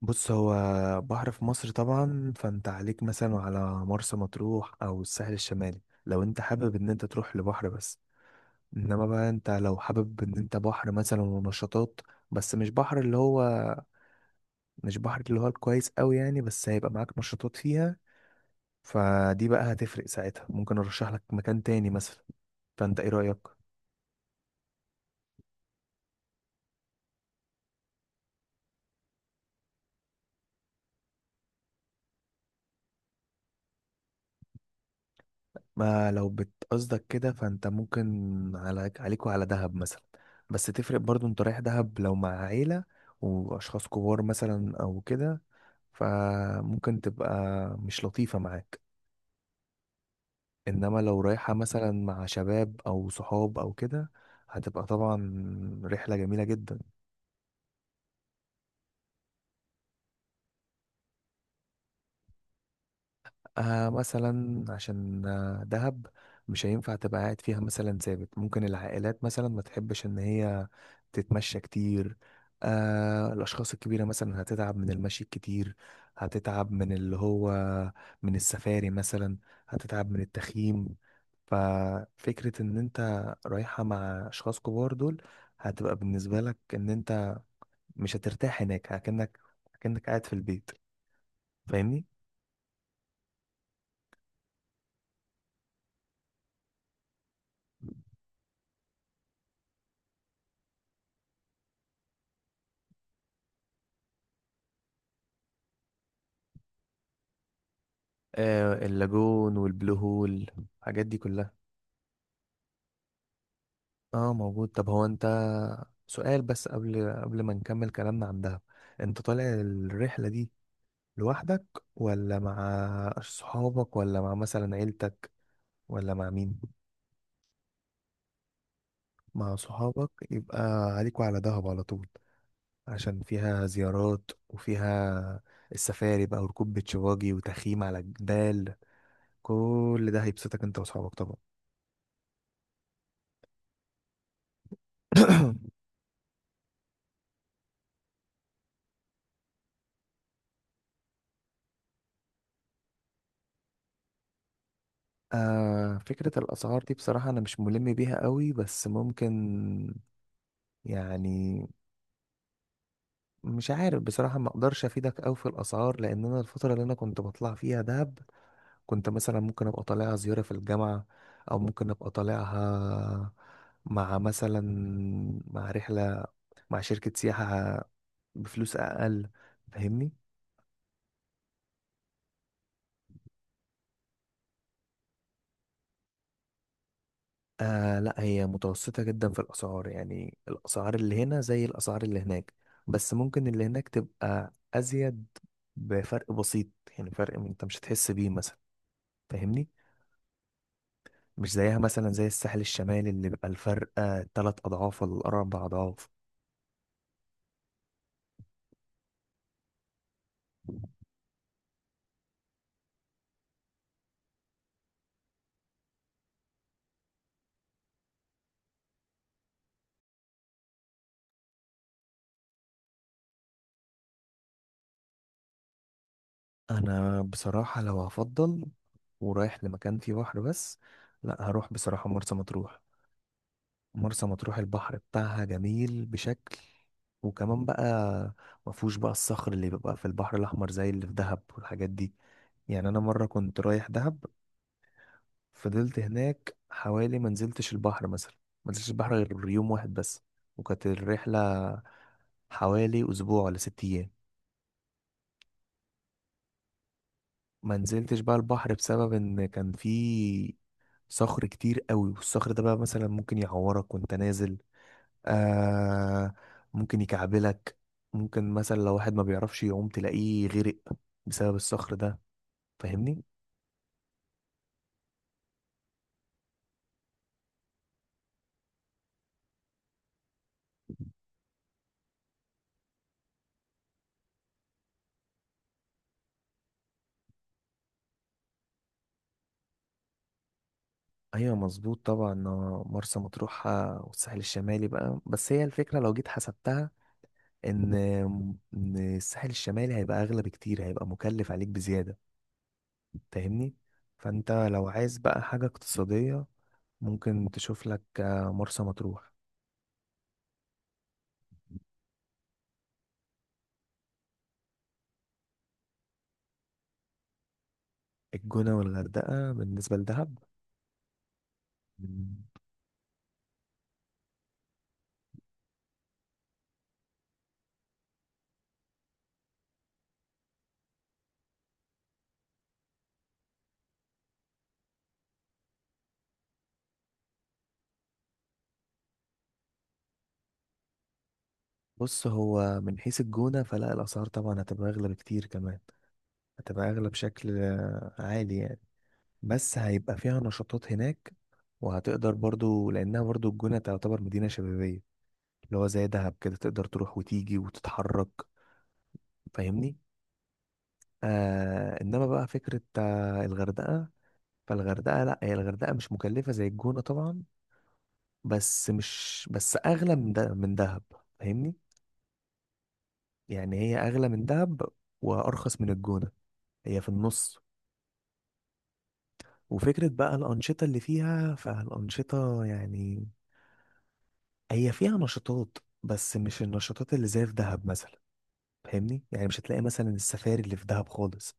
بص هو بحر في مصر طبعا، فانت عليك مثلا على مرسى مطروح او الساحل الشمالي لو انت حابب ان انت تروح لبحر بس. انما بقى انت لو حابب ان انت بحر مثلا ونشاطات، بس مش بحر اللي هو الكويس قوي يعني، بس هيبقى معاك نشاطات فيها. فدي بقى هتفرق ساعتها، ممكن ارشح لك مكان تاني مثلا. فانت ايه رأيك؟ ما لو بتقصدك كده فانت ممكن عليك وعلى دهب مثلا. بس تفرق برضو، انت رايح دهب لو مع عيلة واشخاص كبار مثلا او كده، فممكن تبقى مش لطيفة معاك. انما لو رايحة مثلا مع شباب او صحاب او كده، هتبقى طبعا رحلة جميلة جدا. آه مثلا عشان دهب مش هينفع تبقى قاعد فيها مثلا ثابت، ممكن العائلات مثلا ما تحبش ان هي تتمشى كتير. آه الاشخاص الكبيره مثلا هتتعب من المشي الكتير، هتتعب من اللي هو من السفاري مثلا، هتتعب من التخييم. ففكره ان انت رايحه مع اشخاص كبار دول، هتبقى بالنسبه لك ان انت مش هترتاح هناك، كأنك قاعد في البيت. فاهمني؟ آه اللاجون والبلو هول، الحاجات دي كلها. اه موجود. طب هو انت سؤال بس قبل ما نكمل كلامنا عن دهب، انت طالع الرحلة دي لوحدك ولا مع صحابك ولا مع مثلا عيلتك ولا مع مين؟ مع صحابك يبقى عليكوا على دهب على طول، عشان فيها زيارات وفيها السفاري بقى وركوب بيتش باجي وتخييم على الجبال، كل ده هيبسطك انت وصحابك طبعا. آه فكرة الأسعار دي بصراحة أنا مش ملم بيها قوي، بس ممكن، يعني، مش عارف بصراحة، ما أقدرش أفيدك أوي في الأسعار، لأن أنا الفترة اللي أنا كنت بطلع فيها دهب كنت مثلا ممكن أبقى طالعها زيارة في الجامعة، أو ممكن أبقى طالعها مع مثلا، مع رحلة، مع شركة سياحة بفلوس أقل. فاهمني؟ آه لا، هي متوسطة جدا في الأسعار، يعني الأسعار اللي هنا زي الأسعار اللي هناك، بس ممكن اللي هناك تبقى أزيد بفرق بسيط. يعني فرق أنت مش هتحس بيه مثلا. فاهمني؟ مش زيها مثلا زي الساحل الشمالي اللي بيبقى الفرق 3 أضعاف ولا 4 أضعاف. أنا بصراحة لو هفضل ورايح لمكان فيه بحر بس، لا هروح بصراحة مرسى مطروح. مرسى مطروح البحر بتاعها جميل بشكل، وكمان بقى ما فيهوش بقى الصخر اللي بيبقى في البحر الاحمر زي اللي في دهب والحاجات دي. يعني انا مره كنت رايح دهب، فضلت هناك حوالي، ما نزلتش البحر مثلا، ما نزلتش البحر غير يوم واحد بس، وكانت الرحله حوالي اسبوع ولا 6 ايام. ما نزلتش بقى البحر بسبب ان كان في صخر كتير قوي، والصخر ده بقى مثلا ممكن يعورك وانت نازل. آه ممكن يكعبلك، ممكن مثلا لو واحد ما بيعرفش يعوم تلاقيه غرق بسبب الصخر ده. فاهمني؟ ايوه مظبوط طبعا، مرسى مطروح والساحل الشمالي بقى. بس هي الفكره لو جيت حسبتها ان ان الساحل الشمالي هيبقى اغلى بكتير، هيبقى مكلف عليك بزياده. فاهمني؟ فانت لو عايز بقى حاجه اقتصاديه، ممكن تشوف لك مرسى مطروح. الجونه والغردقه بالنسبه لدهب، بص هو من حيث الجونة فلا الأسعار طبعا هتبقى أغلى بكتير كمان، هتبقى أغلى بشكل عالي يعني. بس هيبقى فيها نشاطات هناك، وهتقدر برضو لأنها برضو الجونة تعتبر مدينة شبابية، اللي هو زي دهب كده تقدر تروح وتيجي وتتحرك. فاهمني؟ آه إنما بقى فكرة الغردقة، فالغردقة لا، هي الغردقة مش مكلفة زي الجونة طبعا، بس مش بس أغلى من دهب. فاهمني؟ يعني هي أغلى من دهب وأرخص من الجونة، هي في النص. وفكرة بقى الأنشطة اللي فيها، فالأنشطة يعني هي فيها نشاطات بس مش النشاطات اللي زي في دهب مثلا. فاهمني؟ يعني مش هتلاقي مثلا السفاري اللي في دهب خالص،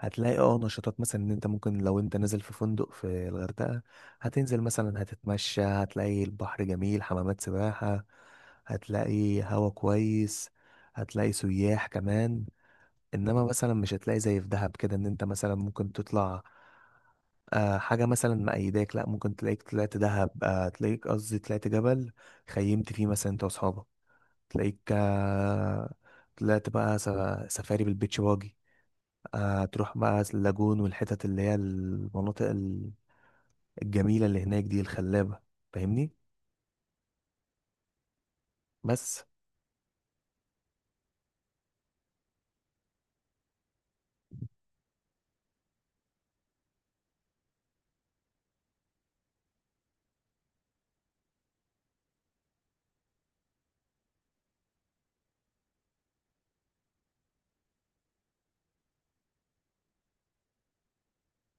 هتلاقي اه نشاطات مثلا ان انت ممكن لو انت نازل في فندق في الغردقة، هتنزل مثلا، هتتمشى، هتلاقي البحر جميل، حمامات سباحة، هتلاقي هوا كويس، هتلاقي سياح كمان. انما مثلا مش هتلاقي زي في دهب كده، ان انت مثلا ممكن تطلع آه حاجة مثلا مأيداك، لا ممكن تلاقيك طلعت دهب آه تلاقيك قصدي طلعت جبل خيمت فيه مثلا انت واصحابك، تلاقيك آه طلعت بقى سفاري بالبيتش باجي، آه تروح بقى اللاجون والحتت اللي هي المناطق الجميلة اللي هناك دي الخلابة. فاهمني؟ بس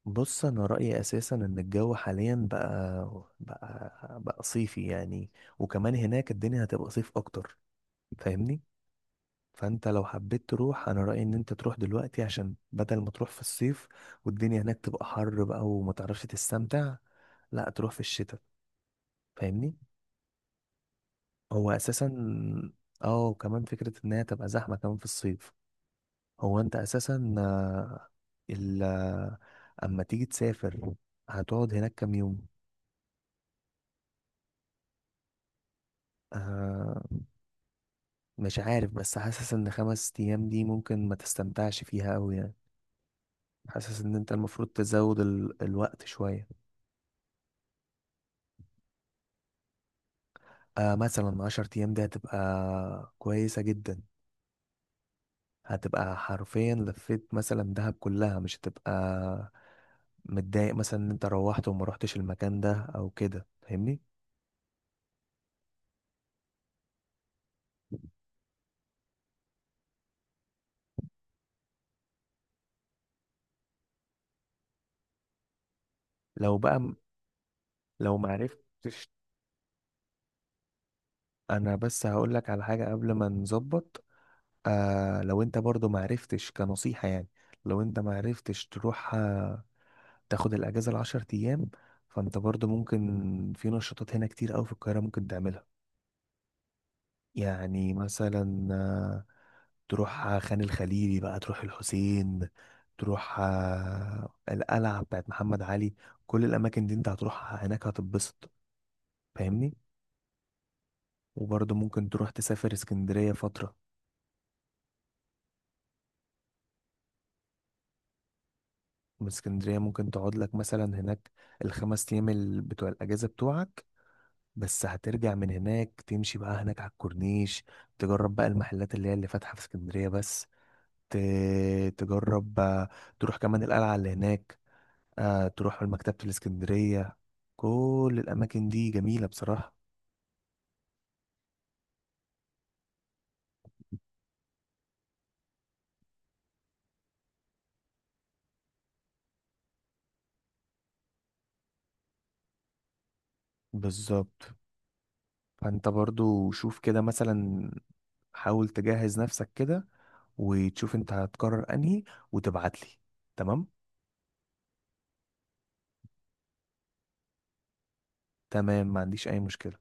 بص انا رايي اساسا ان الجو حاليا بقى صيفي يعني، وكمان هناك الدنيا هتبقى صيف اكتر. فاهمني؟ فانت لو حبيت تروح انا رايي ان انت تروح دلوقتي، عشان بدل ما تروح في الصيف والدنيا هناك تبقى حر بقى وما تعرفش تستمتع، لا تروح في الشتاء. فاهمني؟ هو اساسا، اه وكمان فكره انها تبقى زحمه كمان في الصيف. هو انت اساسا آه، ال آه، اما تيجي تسافر هتقعد هناك كام يوم؟ آه، مش عارف بس حاسس ان 5 ايام دي ممكن ما تستمتعش فيها اوي يعني، حاسس ان انت المفروض تزود الوقت شوية. آه مثلا 10 ايام دي هتبقى كويسة جدا، هتبقى حرفيا لفيت مثلا دهب كلها، مش هتبقى متضايق مثلا ان انت روحت وما روحتش المكان ده او كده. فاهمني؟ لو بقى م- لو ما عرفتش، انا بس هقول لك على حاجة قبل ما نظبط. آه لو انت برضو ما عرفتش كنصيحة يعني، لو انت ما عرفتش تروح تاخد الاجازه ال10 ايام، فانت برضو ممكن في نشاطات هنا كتير قوي في القاهره ممكن تعملها. يعني مثلا تروح خان الخليلي بقى، تروح الحسين، تروح القلعه بتاعت محمد علي. كل الاماكن دي انت هتروح هناك هتتبسط. فاهمني؟ وبرضو ممكن تروح تسافر اسكندريه فتره. من اسكندريه ممكن تقعد لك مثلا هناك ال5 ايام بتوع الاجازه بتوعك، بس هترجع من هناك تمشي بقى هناك على الكورنيش، تجرب بقى المحلات اللي هي اللي فاتحة في اسكندرية بس، ت... تجرب تروح كمان القلعة اللي هناك، تروح مكتبة الاسكندرية. كل الأماكن دي جميلة بصراحة. بالظبط، فأنت برضو شوف كده مثلا، حاول تجهز نفسك كده وتشوف انت هتقرر انهي وتبعتلي. تمام؟ تمام، ما عنديش أي مشكلة.